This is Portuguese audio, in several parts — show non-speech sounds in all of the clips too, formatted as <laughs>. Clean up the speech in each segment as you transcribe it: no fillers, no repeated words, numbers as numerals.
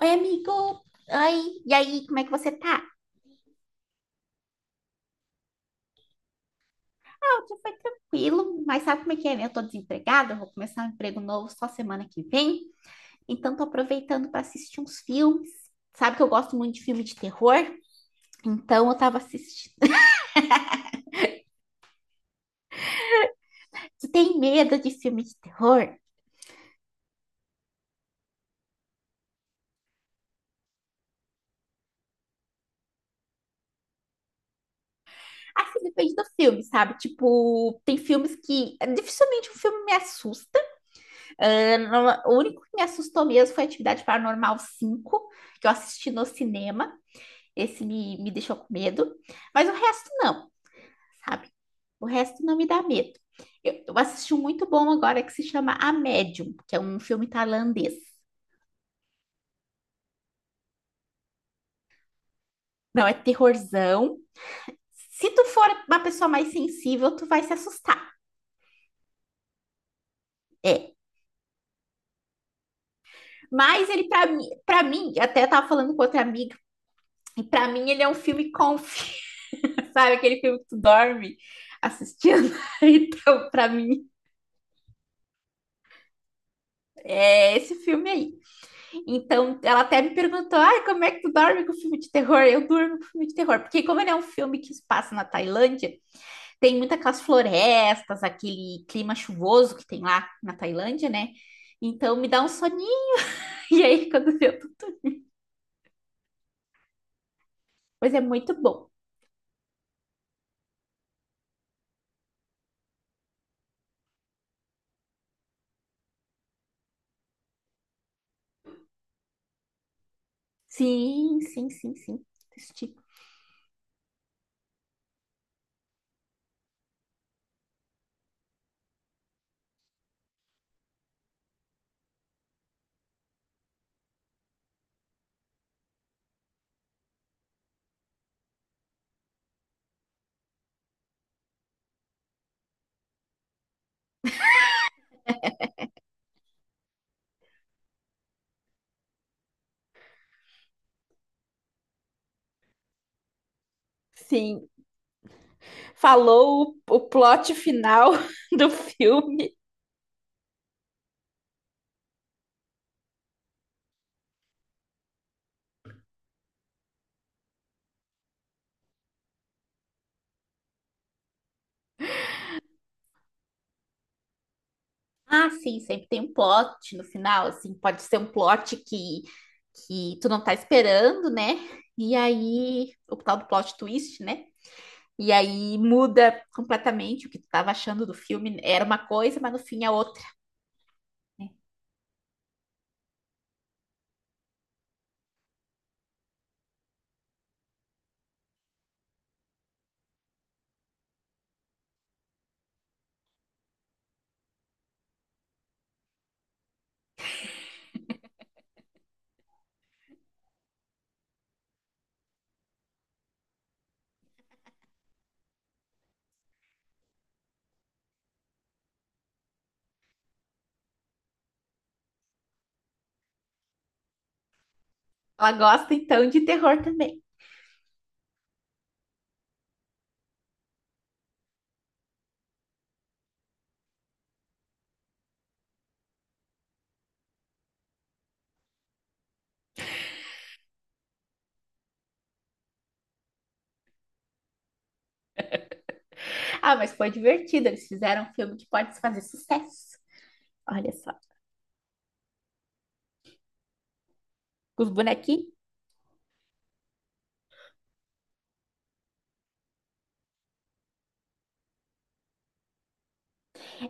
Oi, amigo. Oi, e aí, como é que você tá? Ah, o dia foi tranquilo, mas sabe como é que é, né? Eu tô desempregada, eu vou começar um emprego novo só semana que vem, então tô aproveitando para assistir uns filmes. Sabe que eu gosto muito de filme de terror? Então eu tava assistindo. Você tem medo de filme de terror? Assim, depende do filme, sabe? Tipo, tem filmes que dificilmente um filme me assusta. O único que me assustou mesmo foi Atividade Paranormal cinco que eu assisti no cinema. Esse me deixou com medo, mas o resto não, sabe? O resto não me dá medo. Eu assisti um muito bom agora que se chama A Medium, que é um filme tailandês. Não, é terrorzão. Se tu for uma pessoa mais sensível, tu vai se assustar. É. Mas ele, pra mim, até eu tava falando com outra amiga, e pra mim ele é um filme comfy, <laughs> sabe? Aquele filme que tu dorme assistindo. <laughs> Então, pra mim, é esse filme aí. Então, ela até me perguntou: ai, como é que tu dorme com filme de terror? Eu durmo com filme de terror, porque como ele é um filme que se passa na Tailândia, tem muitas aquelas florestas, aquele clima chuvoso que tem lá na Tailândia, né? Então me dá um soninho. <laughs> E aí, quando eu tô... Pois é muito bom. Sim, sim, sim, sim. Assisti. Sim, falou o plot final <laughs> do filme. Ah, sim, sempre tem um plot no final, assim, pode ser um plot que tu não tá esperando, né? E aí, o tal do plot twist, né? E aí muda completamente o que tu tava achando do filme, era uma coisa, mas no fim é outra. Ela gosta então de terror também. Ah, mas foi divertido, eles fizeram um filme que pode fazer sucesso. Olha só. Com os bonequinhos.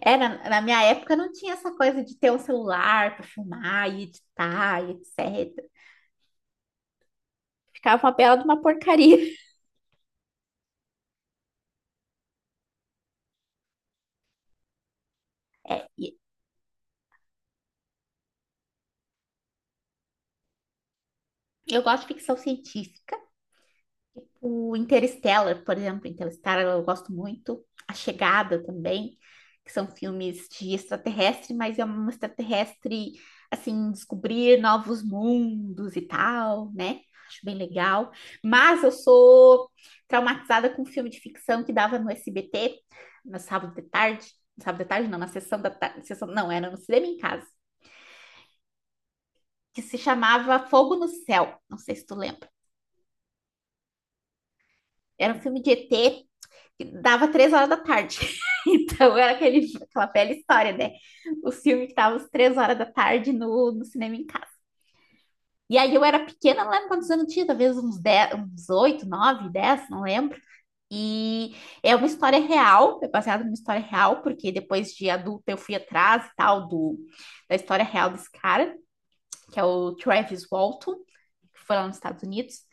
Era, na minha época não tinha essa coisa de ter um celular para filmar e editar e etc. Ficava uma bela de uma porcaria. Eu gosto de ficção científica. O Interstellar, por exemplo, Interstellar eu gosto muito. A Chegada também, que são filmes de extraterrestre, mas é um extraterrestre, assim, descobrir novos mundos e tal, né? Acho bem legal. Mas eu sou traumatizada com um filme de ficção que dava no SBT, no sábado de tarde. No sábado de tarde, não, na sessão da tarde. Sessão, não, era no cinema em casa. Que se chamava Fogo no Céu. Não sei se tu lembra. Era um filme de ET, dava 3 horas da tarde. <laughs> Então era aquele, aquela velha história, né? O filme que dava às 3 horas da tarde no cinema em casa. E aí eu era pequena, não lembro quantos anos eu tinha, talvez uns, 10 uns 8 9 dez não lembro. E é uma história real, é baseada numa história real, porque depois de adulta eu fui atrás e tal da história real desse cara, que é o Travis Walton, que foi lá nos Estados Unidos.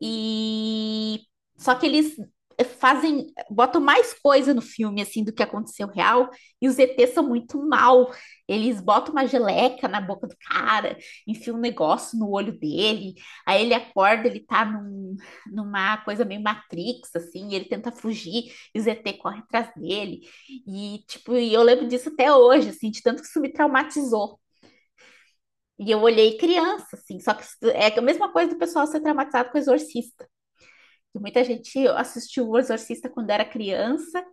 E só que eles fazem, botam mais coisa no filme assim do que aconteceu real, e os ETs são muito mal. Eles botam uma geleca na boca do cara, enfiam um negócio no olho dele, aí ele acorda, ele tá numa coisa meio Matrix, assim, e ele tenta fugir, e os ET correm atrás dele. E, tipo, e eu lembro disso até hoje, assim, de tanto que isso me traumatizou. E eu olhei criança, assim, só que é a mesma coisa do pessoal ser traumatizado com exorcista, que muita gente assistiu O Exorcista quando era criança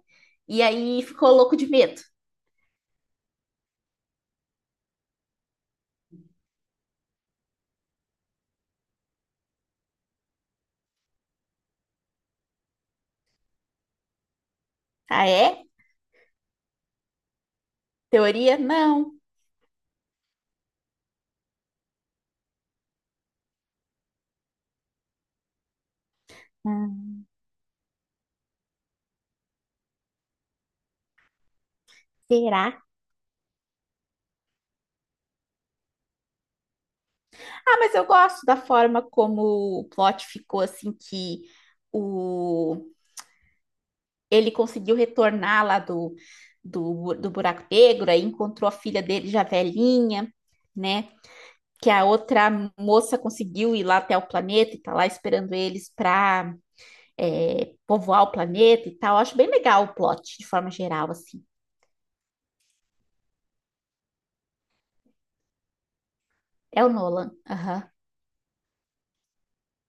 e aí ficou louco de medo. Ah, é? Teoria? Não. Hum. Será? Ah, mas eu gosto da forma como o plot ficou, assim, que o ele conseguiu retornar lá do buraco negro, aí encontrou a filha dele já velhinha, né? Que a outra moça conseguiu ir lá até o planeta e tá lá esperando eles para, é, povoar o planeta e tal. Eu acho bem legal o plot, de forma geral, assim. É o Nolan. Aham.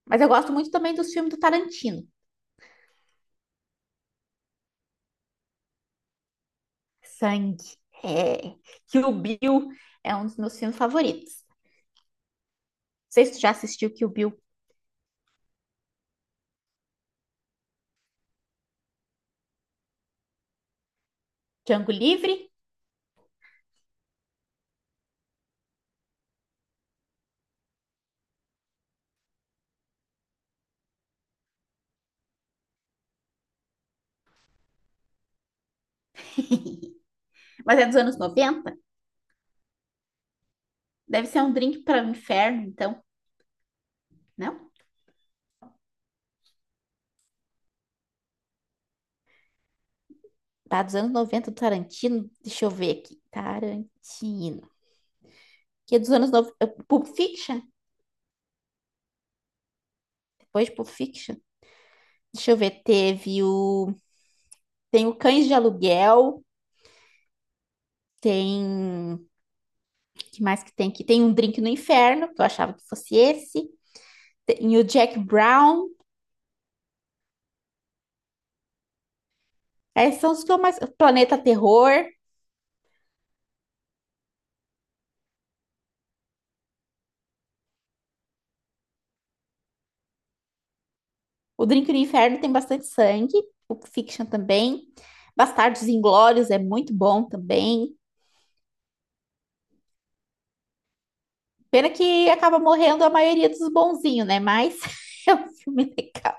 Mas eu gosto muito também dos filmes do Tarantino. Sangue. É. Kill Bill é um dos meus filmes favoritos. Não sei se tu já assistiu Kill Bill. Django Livre, mas é dos anos 90. Deve ser um drink para o inferno, então. Não? Tá dos anos 90 do Tarantino. Deixa eu ver aqui. Tarantino. Que é dos anos 90 Pulp Fiction. Depois de Pulp Fiction. Deixa eu ver. Teve o Tem o Cães de Aluguel, tem. Que mais que tem aqui? Tem um Drink no Inferno, que eu achava que fosse esse. Tem o Jack Brown. Esses são os que eu mais. Planeta Terror. O Drink no Inferno tem bastante sangue. O Fiction também. Bastardos Inglórios é muito bom também. Pena que acaba morrendo a maioria dos bonzinhos, né? Mas <laughs> é um filme legal.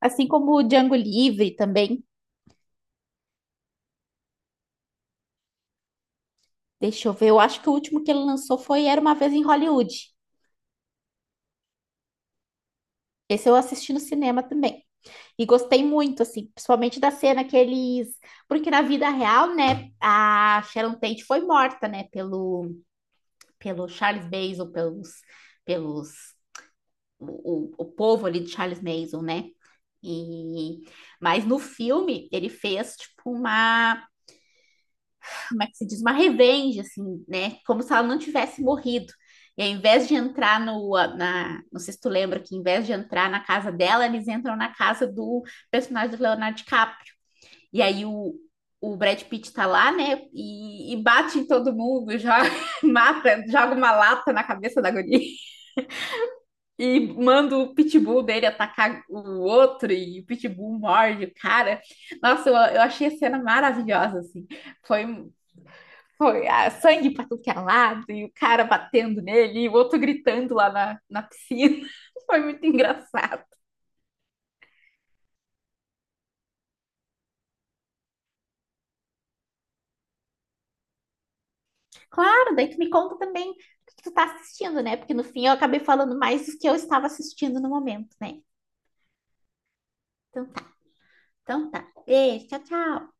Assim como o Django Livre também. Deixa eu ver, eu acho que o último que ele lançou foi Era Uma Vez em Hollywood. Esse eu assisti no cinema também. E gostei muito, assim, principalmente da cena que eles. Porque na vida real, né, a Sharon Tate foi morta, né, pelo Charles Manson, pelos o povo ali de Charles Manson, né? E, mas no filme ele fez tipo uma, como é que se diz, uma revenge, assim, né? Como se ela não tivesse morrido. E ao invés de entrar não sei se tu lembra que, em vez de entrar na casa dela, eles entram na casa do personagem do Leonardo DiCaprio. E aí o Brad Pitt tá lá, né? E bate em todo mundo, joga, <laughs> mata, joga uma lata na cabeça da guria <laughs> e manda o pitbull dele atacar o outro e o pitbull morde o cara. Nossa, eu achei a cena maravilhosa, assim. Foi, foi sangue pra tudo que é lado e o cara batendo nele e o outro gritando lá na piscina. <laughs> Foi muito engraçado. Claro, daí tu me conta também o que que tu tá assistindo, né? Porque no fim eu acabei falando mais do que eu estava assistindo no momento, né? Então tá, então tá. Beijo, tchau, tchau.